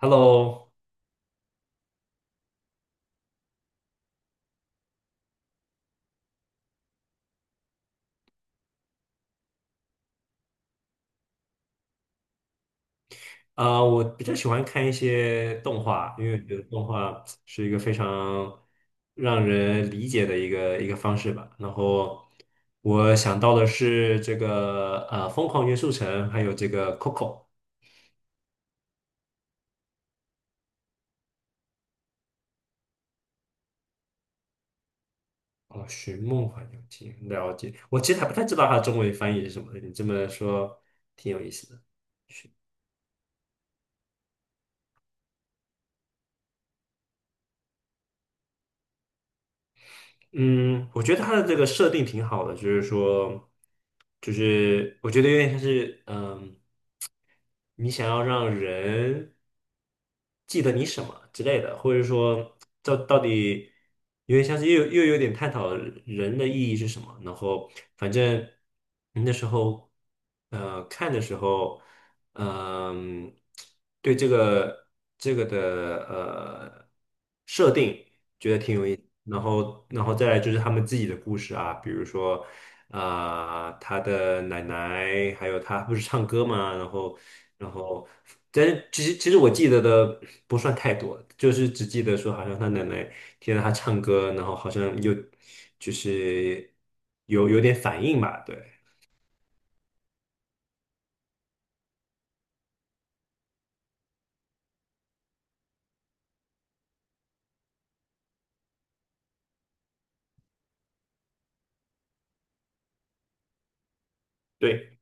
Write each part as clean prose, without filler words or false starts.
Hello。我比较喜欢看一些动画，因为我觉得动画是一个非常让人理解的一个方式吧。然后我想到的是这个《疯狂元素城》，还有这个《Coco》。哦，《寻梦环游记》。了解，我其实还不太知道它的中文翻译是什么，你这么说挺有意思的。嗯，我觉得它的这个设定挺好的，就是说，就是我觉得有点像是，嗯，你想要让人记得你什么之类的，或者说，这到底有点像是又有点探讨人的意义是什么。然后，反正那时候，看的时候，嗯，对这个这个的呃设定。觉得挺有意思。然后，然后再来就是他们自己的故事啊，比如说，他的奶奶，还有他不是唱歌嘛，然后，然后，但是其实我记得的不算太多，就是只记得说好像他奶奶听到他唱歌，然后好像有就是有点反应吧，对对，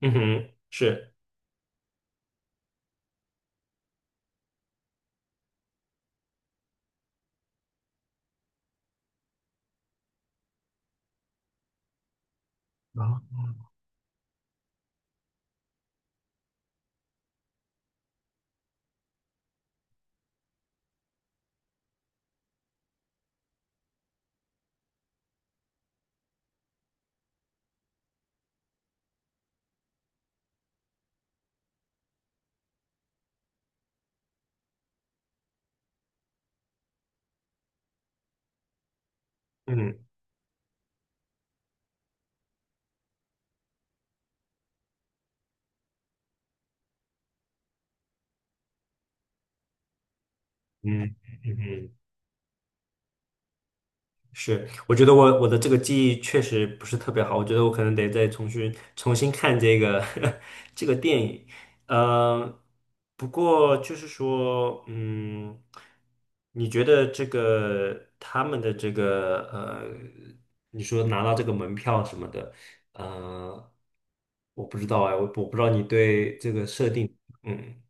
嗯哼，是，啊，嗯嗯嗯嗯。是，我觉得我的这个记忆确实不是特别好，我觉得我可能得再重新看这个 这个电影。呃，不过就是说，嗯，你觉得这个他们的这个,你说拿到这个门票什么的，呃，我不知道哎，我不知道你对这个设定，嗯，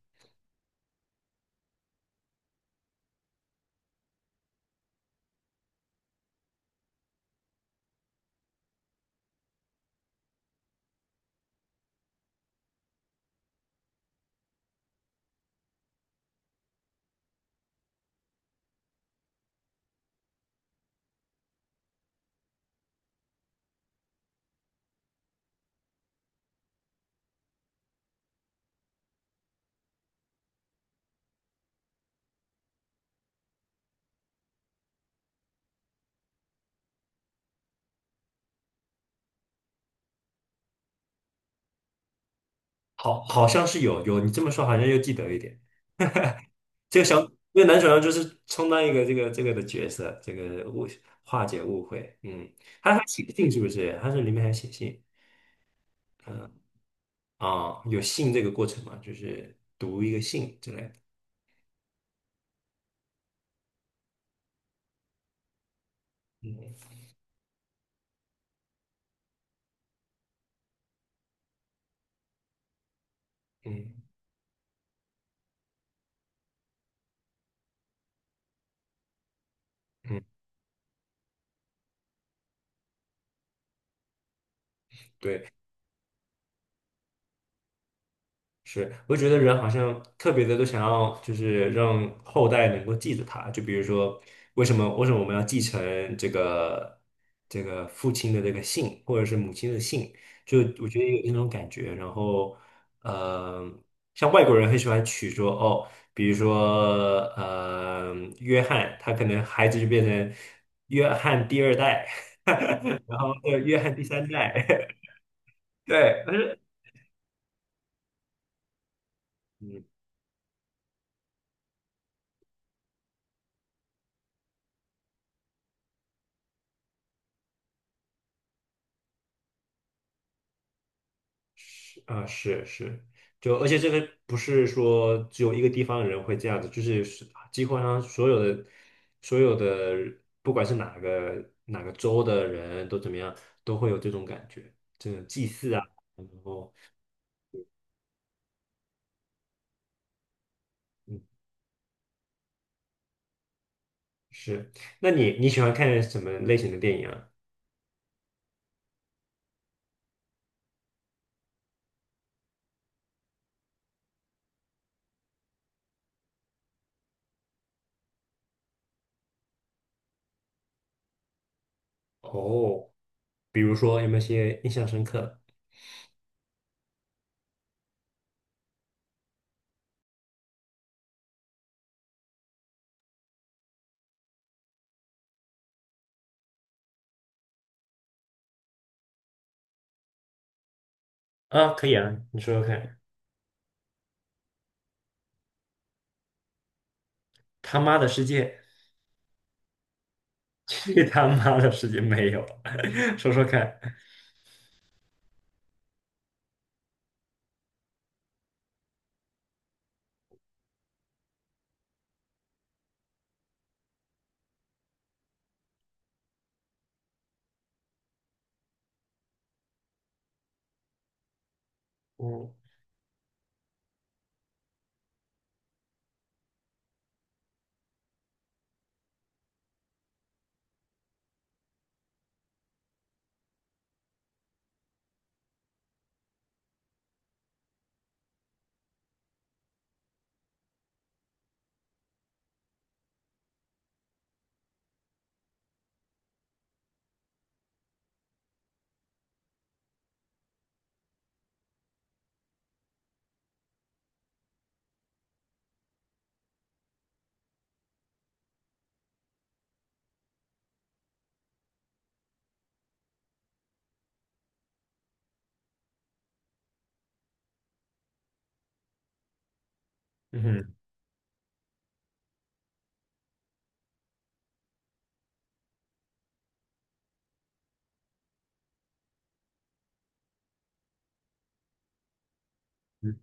好，好像是有，你这么说好像又记得一点。这个小这个男主角就是充当一个这个这个的角色，这个误化解误会。嗯，他还写信是不是？他是里面还写信。有信这个过程嘛，就是读一个信之类的。嗯嗯嗯，对。是，我觉得人好像特别的都想要，就是让后代能够记得他。就比如说，为什么我们要继承这个父亲的这个姓，或者是母亲的姓？就我觉得有那种感觉。然后，呃，像外国人很喜欢取说哦，比如说,约翰，他可能孩子就变成约翰第二代，然后约翰第三代，对，但是。嗯。是啊，是是，就而且这个不是说只有一个地方的人会这样子，就是几乎上所有的，不管是哪个州的人都怎么样，都会有这种感觉，这种祭祀啊，然后嗯是，那你你喜欢看什么类型的电影啊？哦，比如说有没有些印象深刻的？啊，可以啊，你说说看，他妈的世界，去他妈的世界没有，说说看，嗯嗯哼。嗯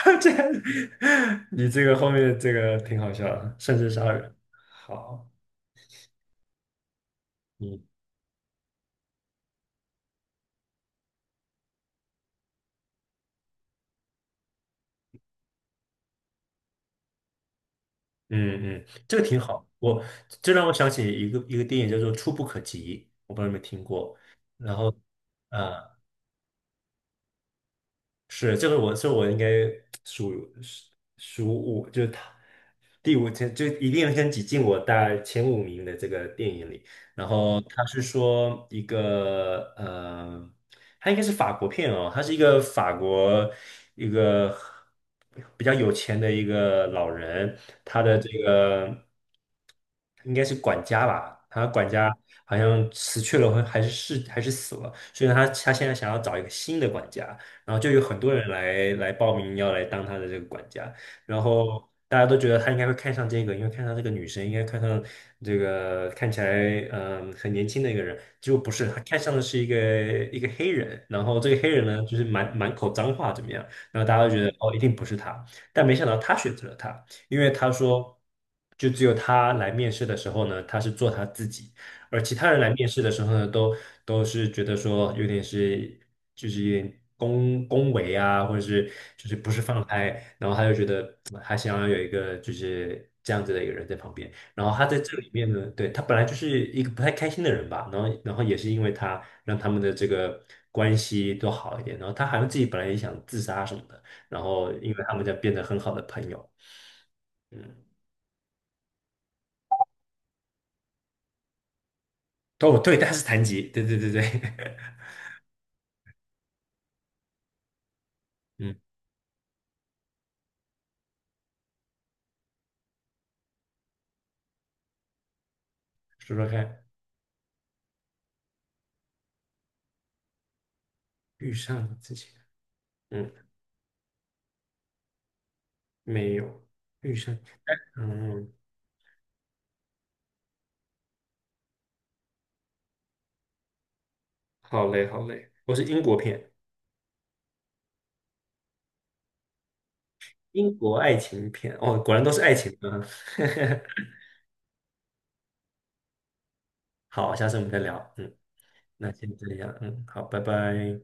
这你这个后面这个挺好笑的，甚至杀人。好，嗯嗯嗯，这个挺好。我这让我想起一个电影叫做《触不可及》，我不知道你们听过。然后，啊、是，这个我，是我应该数数数五，就是他第五天，就一定要先挤进我大概前五名的这个电影里。然后他是说一个,他应该是法国片哦，他是一个法国一个比较有钱的一个老人，他的这个应该是管家吧，他管家好像辞去了，还是是还是死了，所以他他现在想要找一个新的管家。然后就有很多人来报名要来当他的这个管家，然后大家都觉得他应该会看上这个，因为看上这个女生，应该看上这个看起来很年轻的一个人，结果不是，他看上的是一个黑人，然后这个黑人呢就是满口脏话怎么样，然后大家都觉得哦一定不是他，但没想到他选择了他，因为他说就只有他来面试的时候呢，他是做他自己。而其他人来面试的时候呢，都是觉得说有点是就是有点恭维啊，或者是就是不是放开，然后他就觉得嗯还想要有一个就是这样子的一个人在旁边。然后他在这里面呢，对，他本来就是一个不太开心的人吧，然后也是因为他让他们的这个关系都好一点，然后他好像自己本来也想自杀什么的，然后因为他们就变得很好的朋友，嗯，哦对，他是残疾，对对对对，嗯，说说看。遇上了之前，嗯，没有遇上，嗯，好嘞，好嘞，我是英国片，英国爱情片，哦，果然都是爱情啊，好，下次我们再聊，嗯，那先这样，嗯，好，拜拜。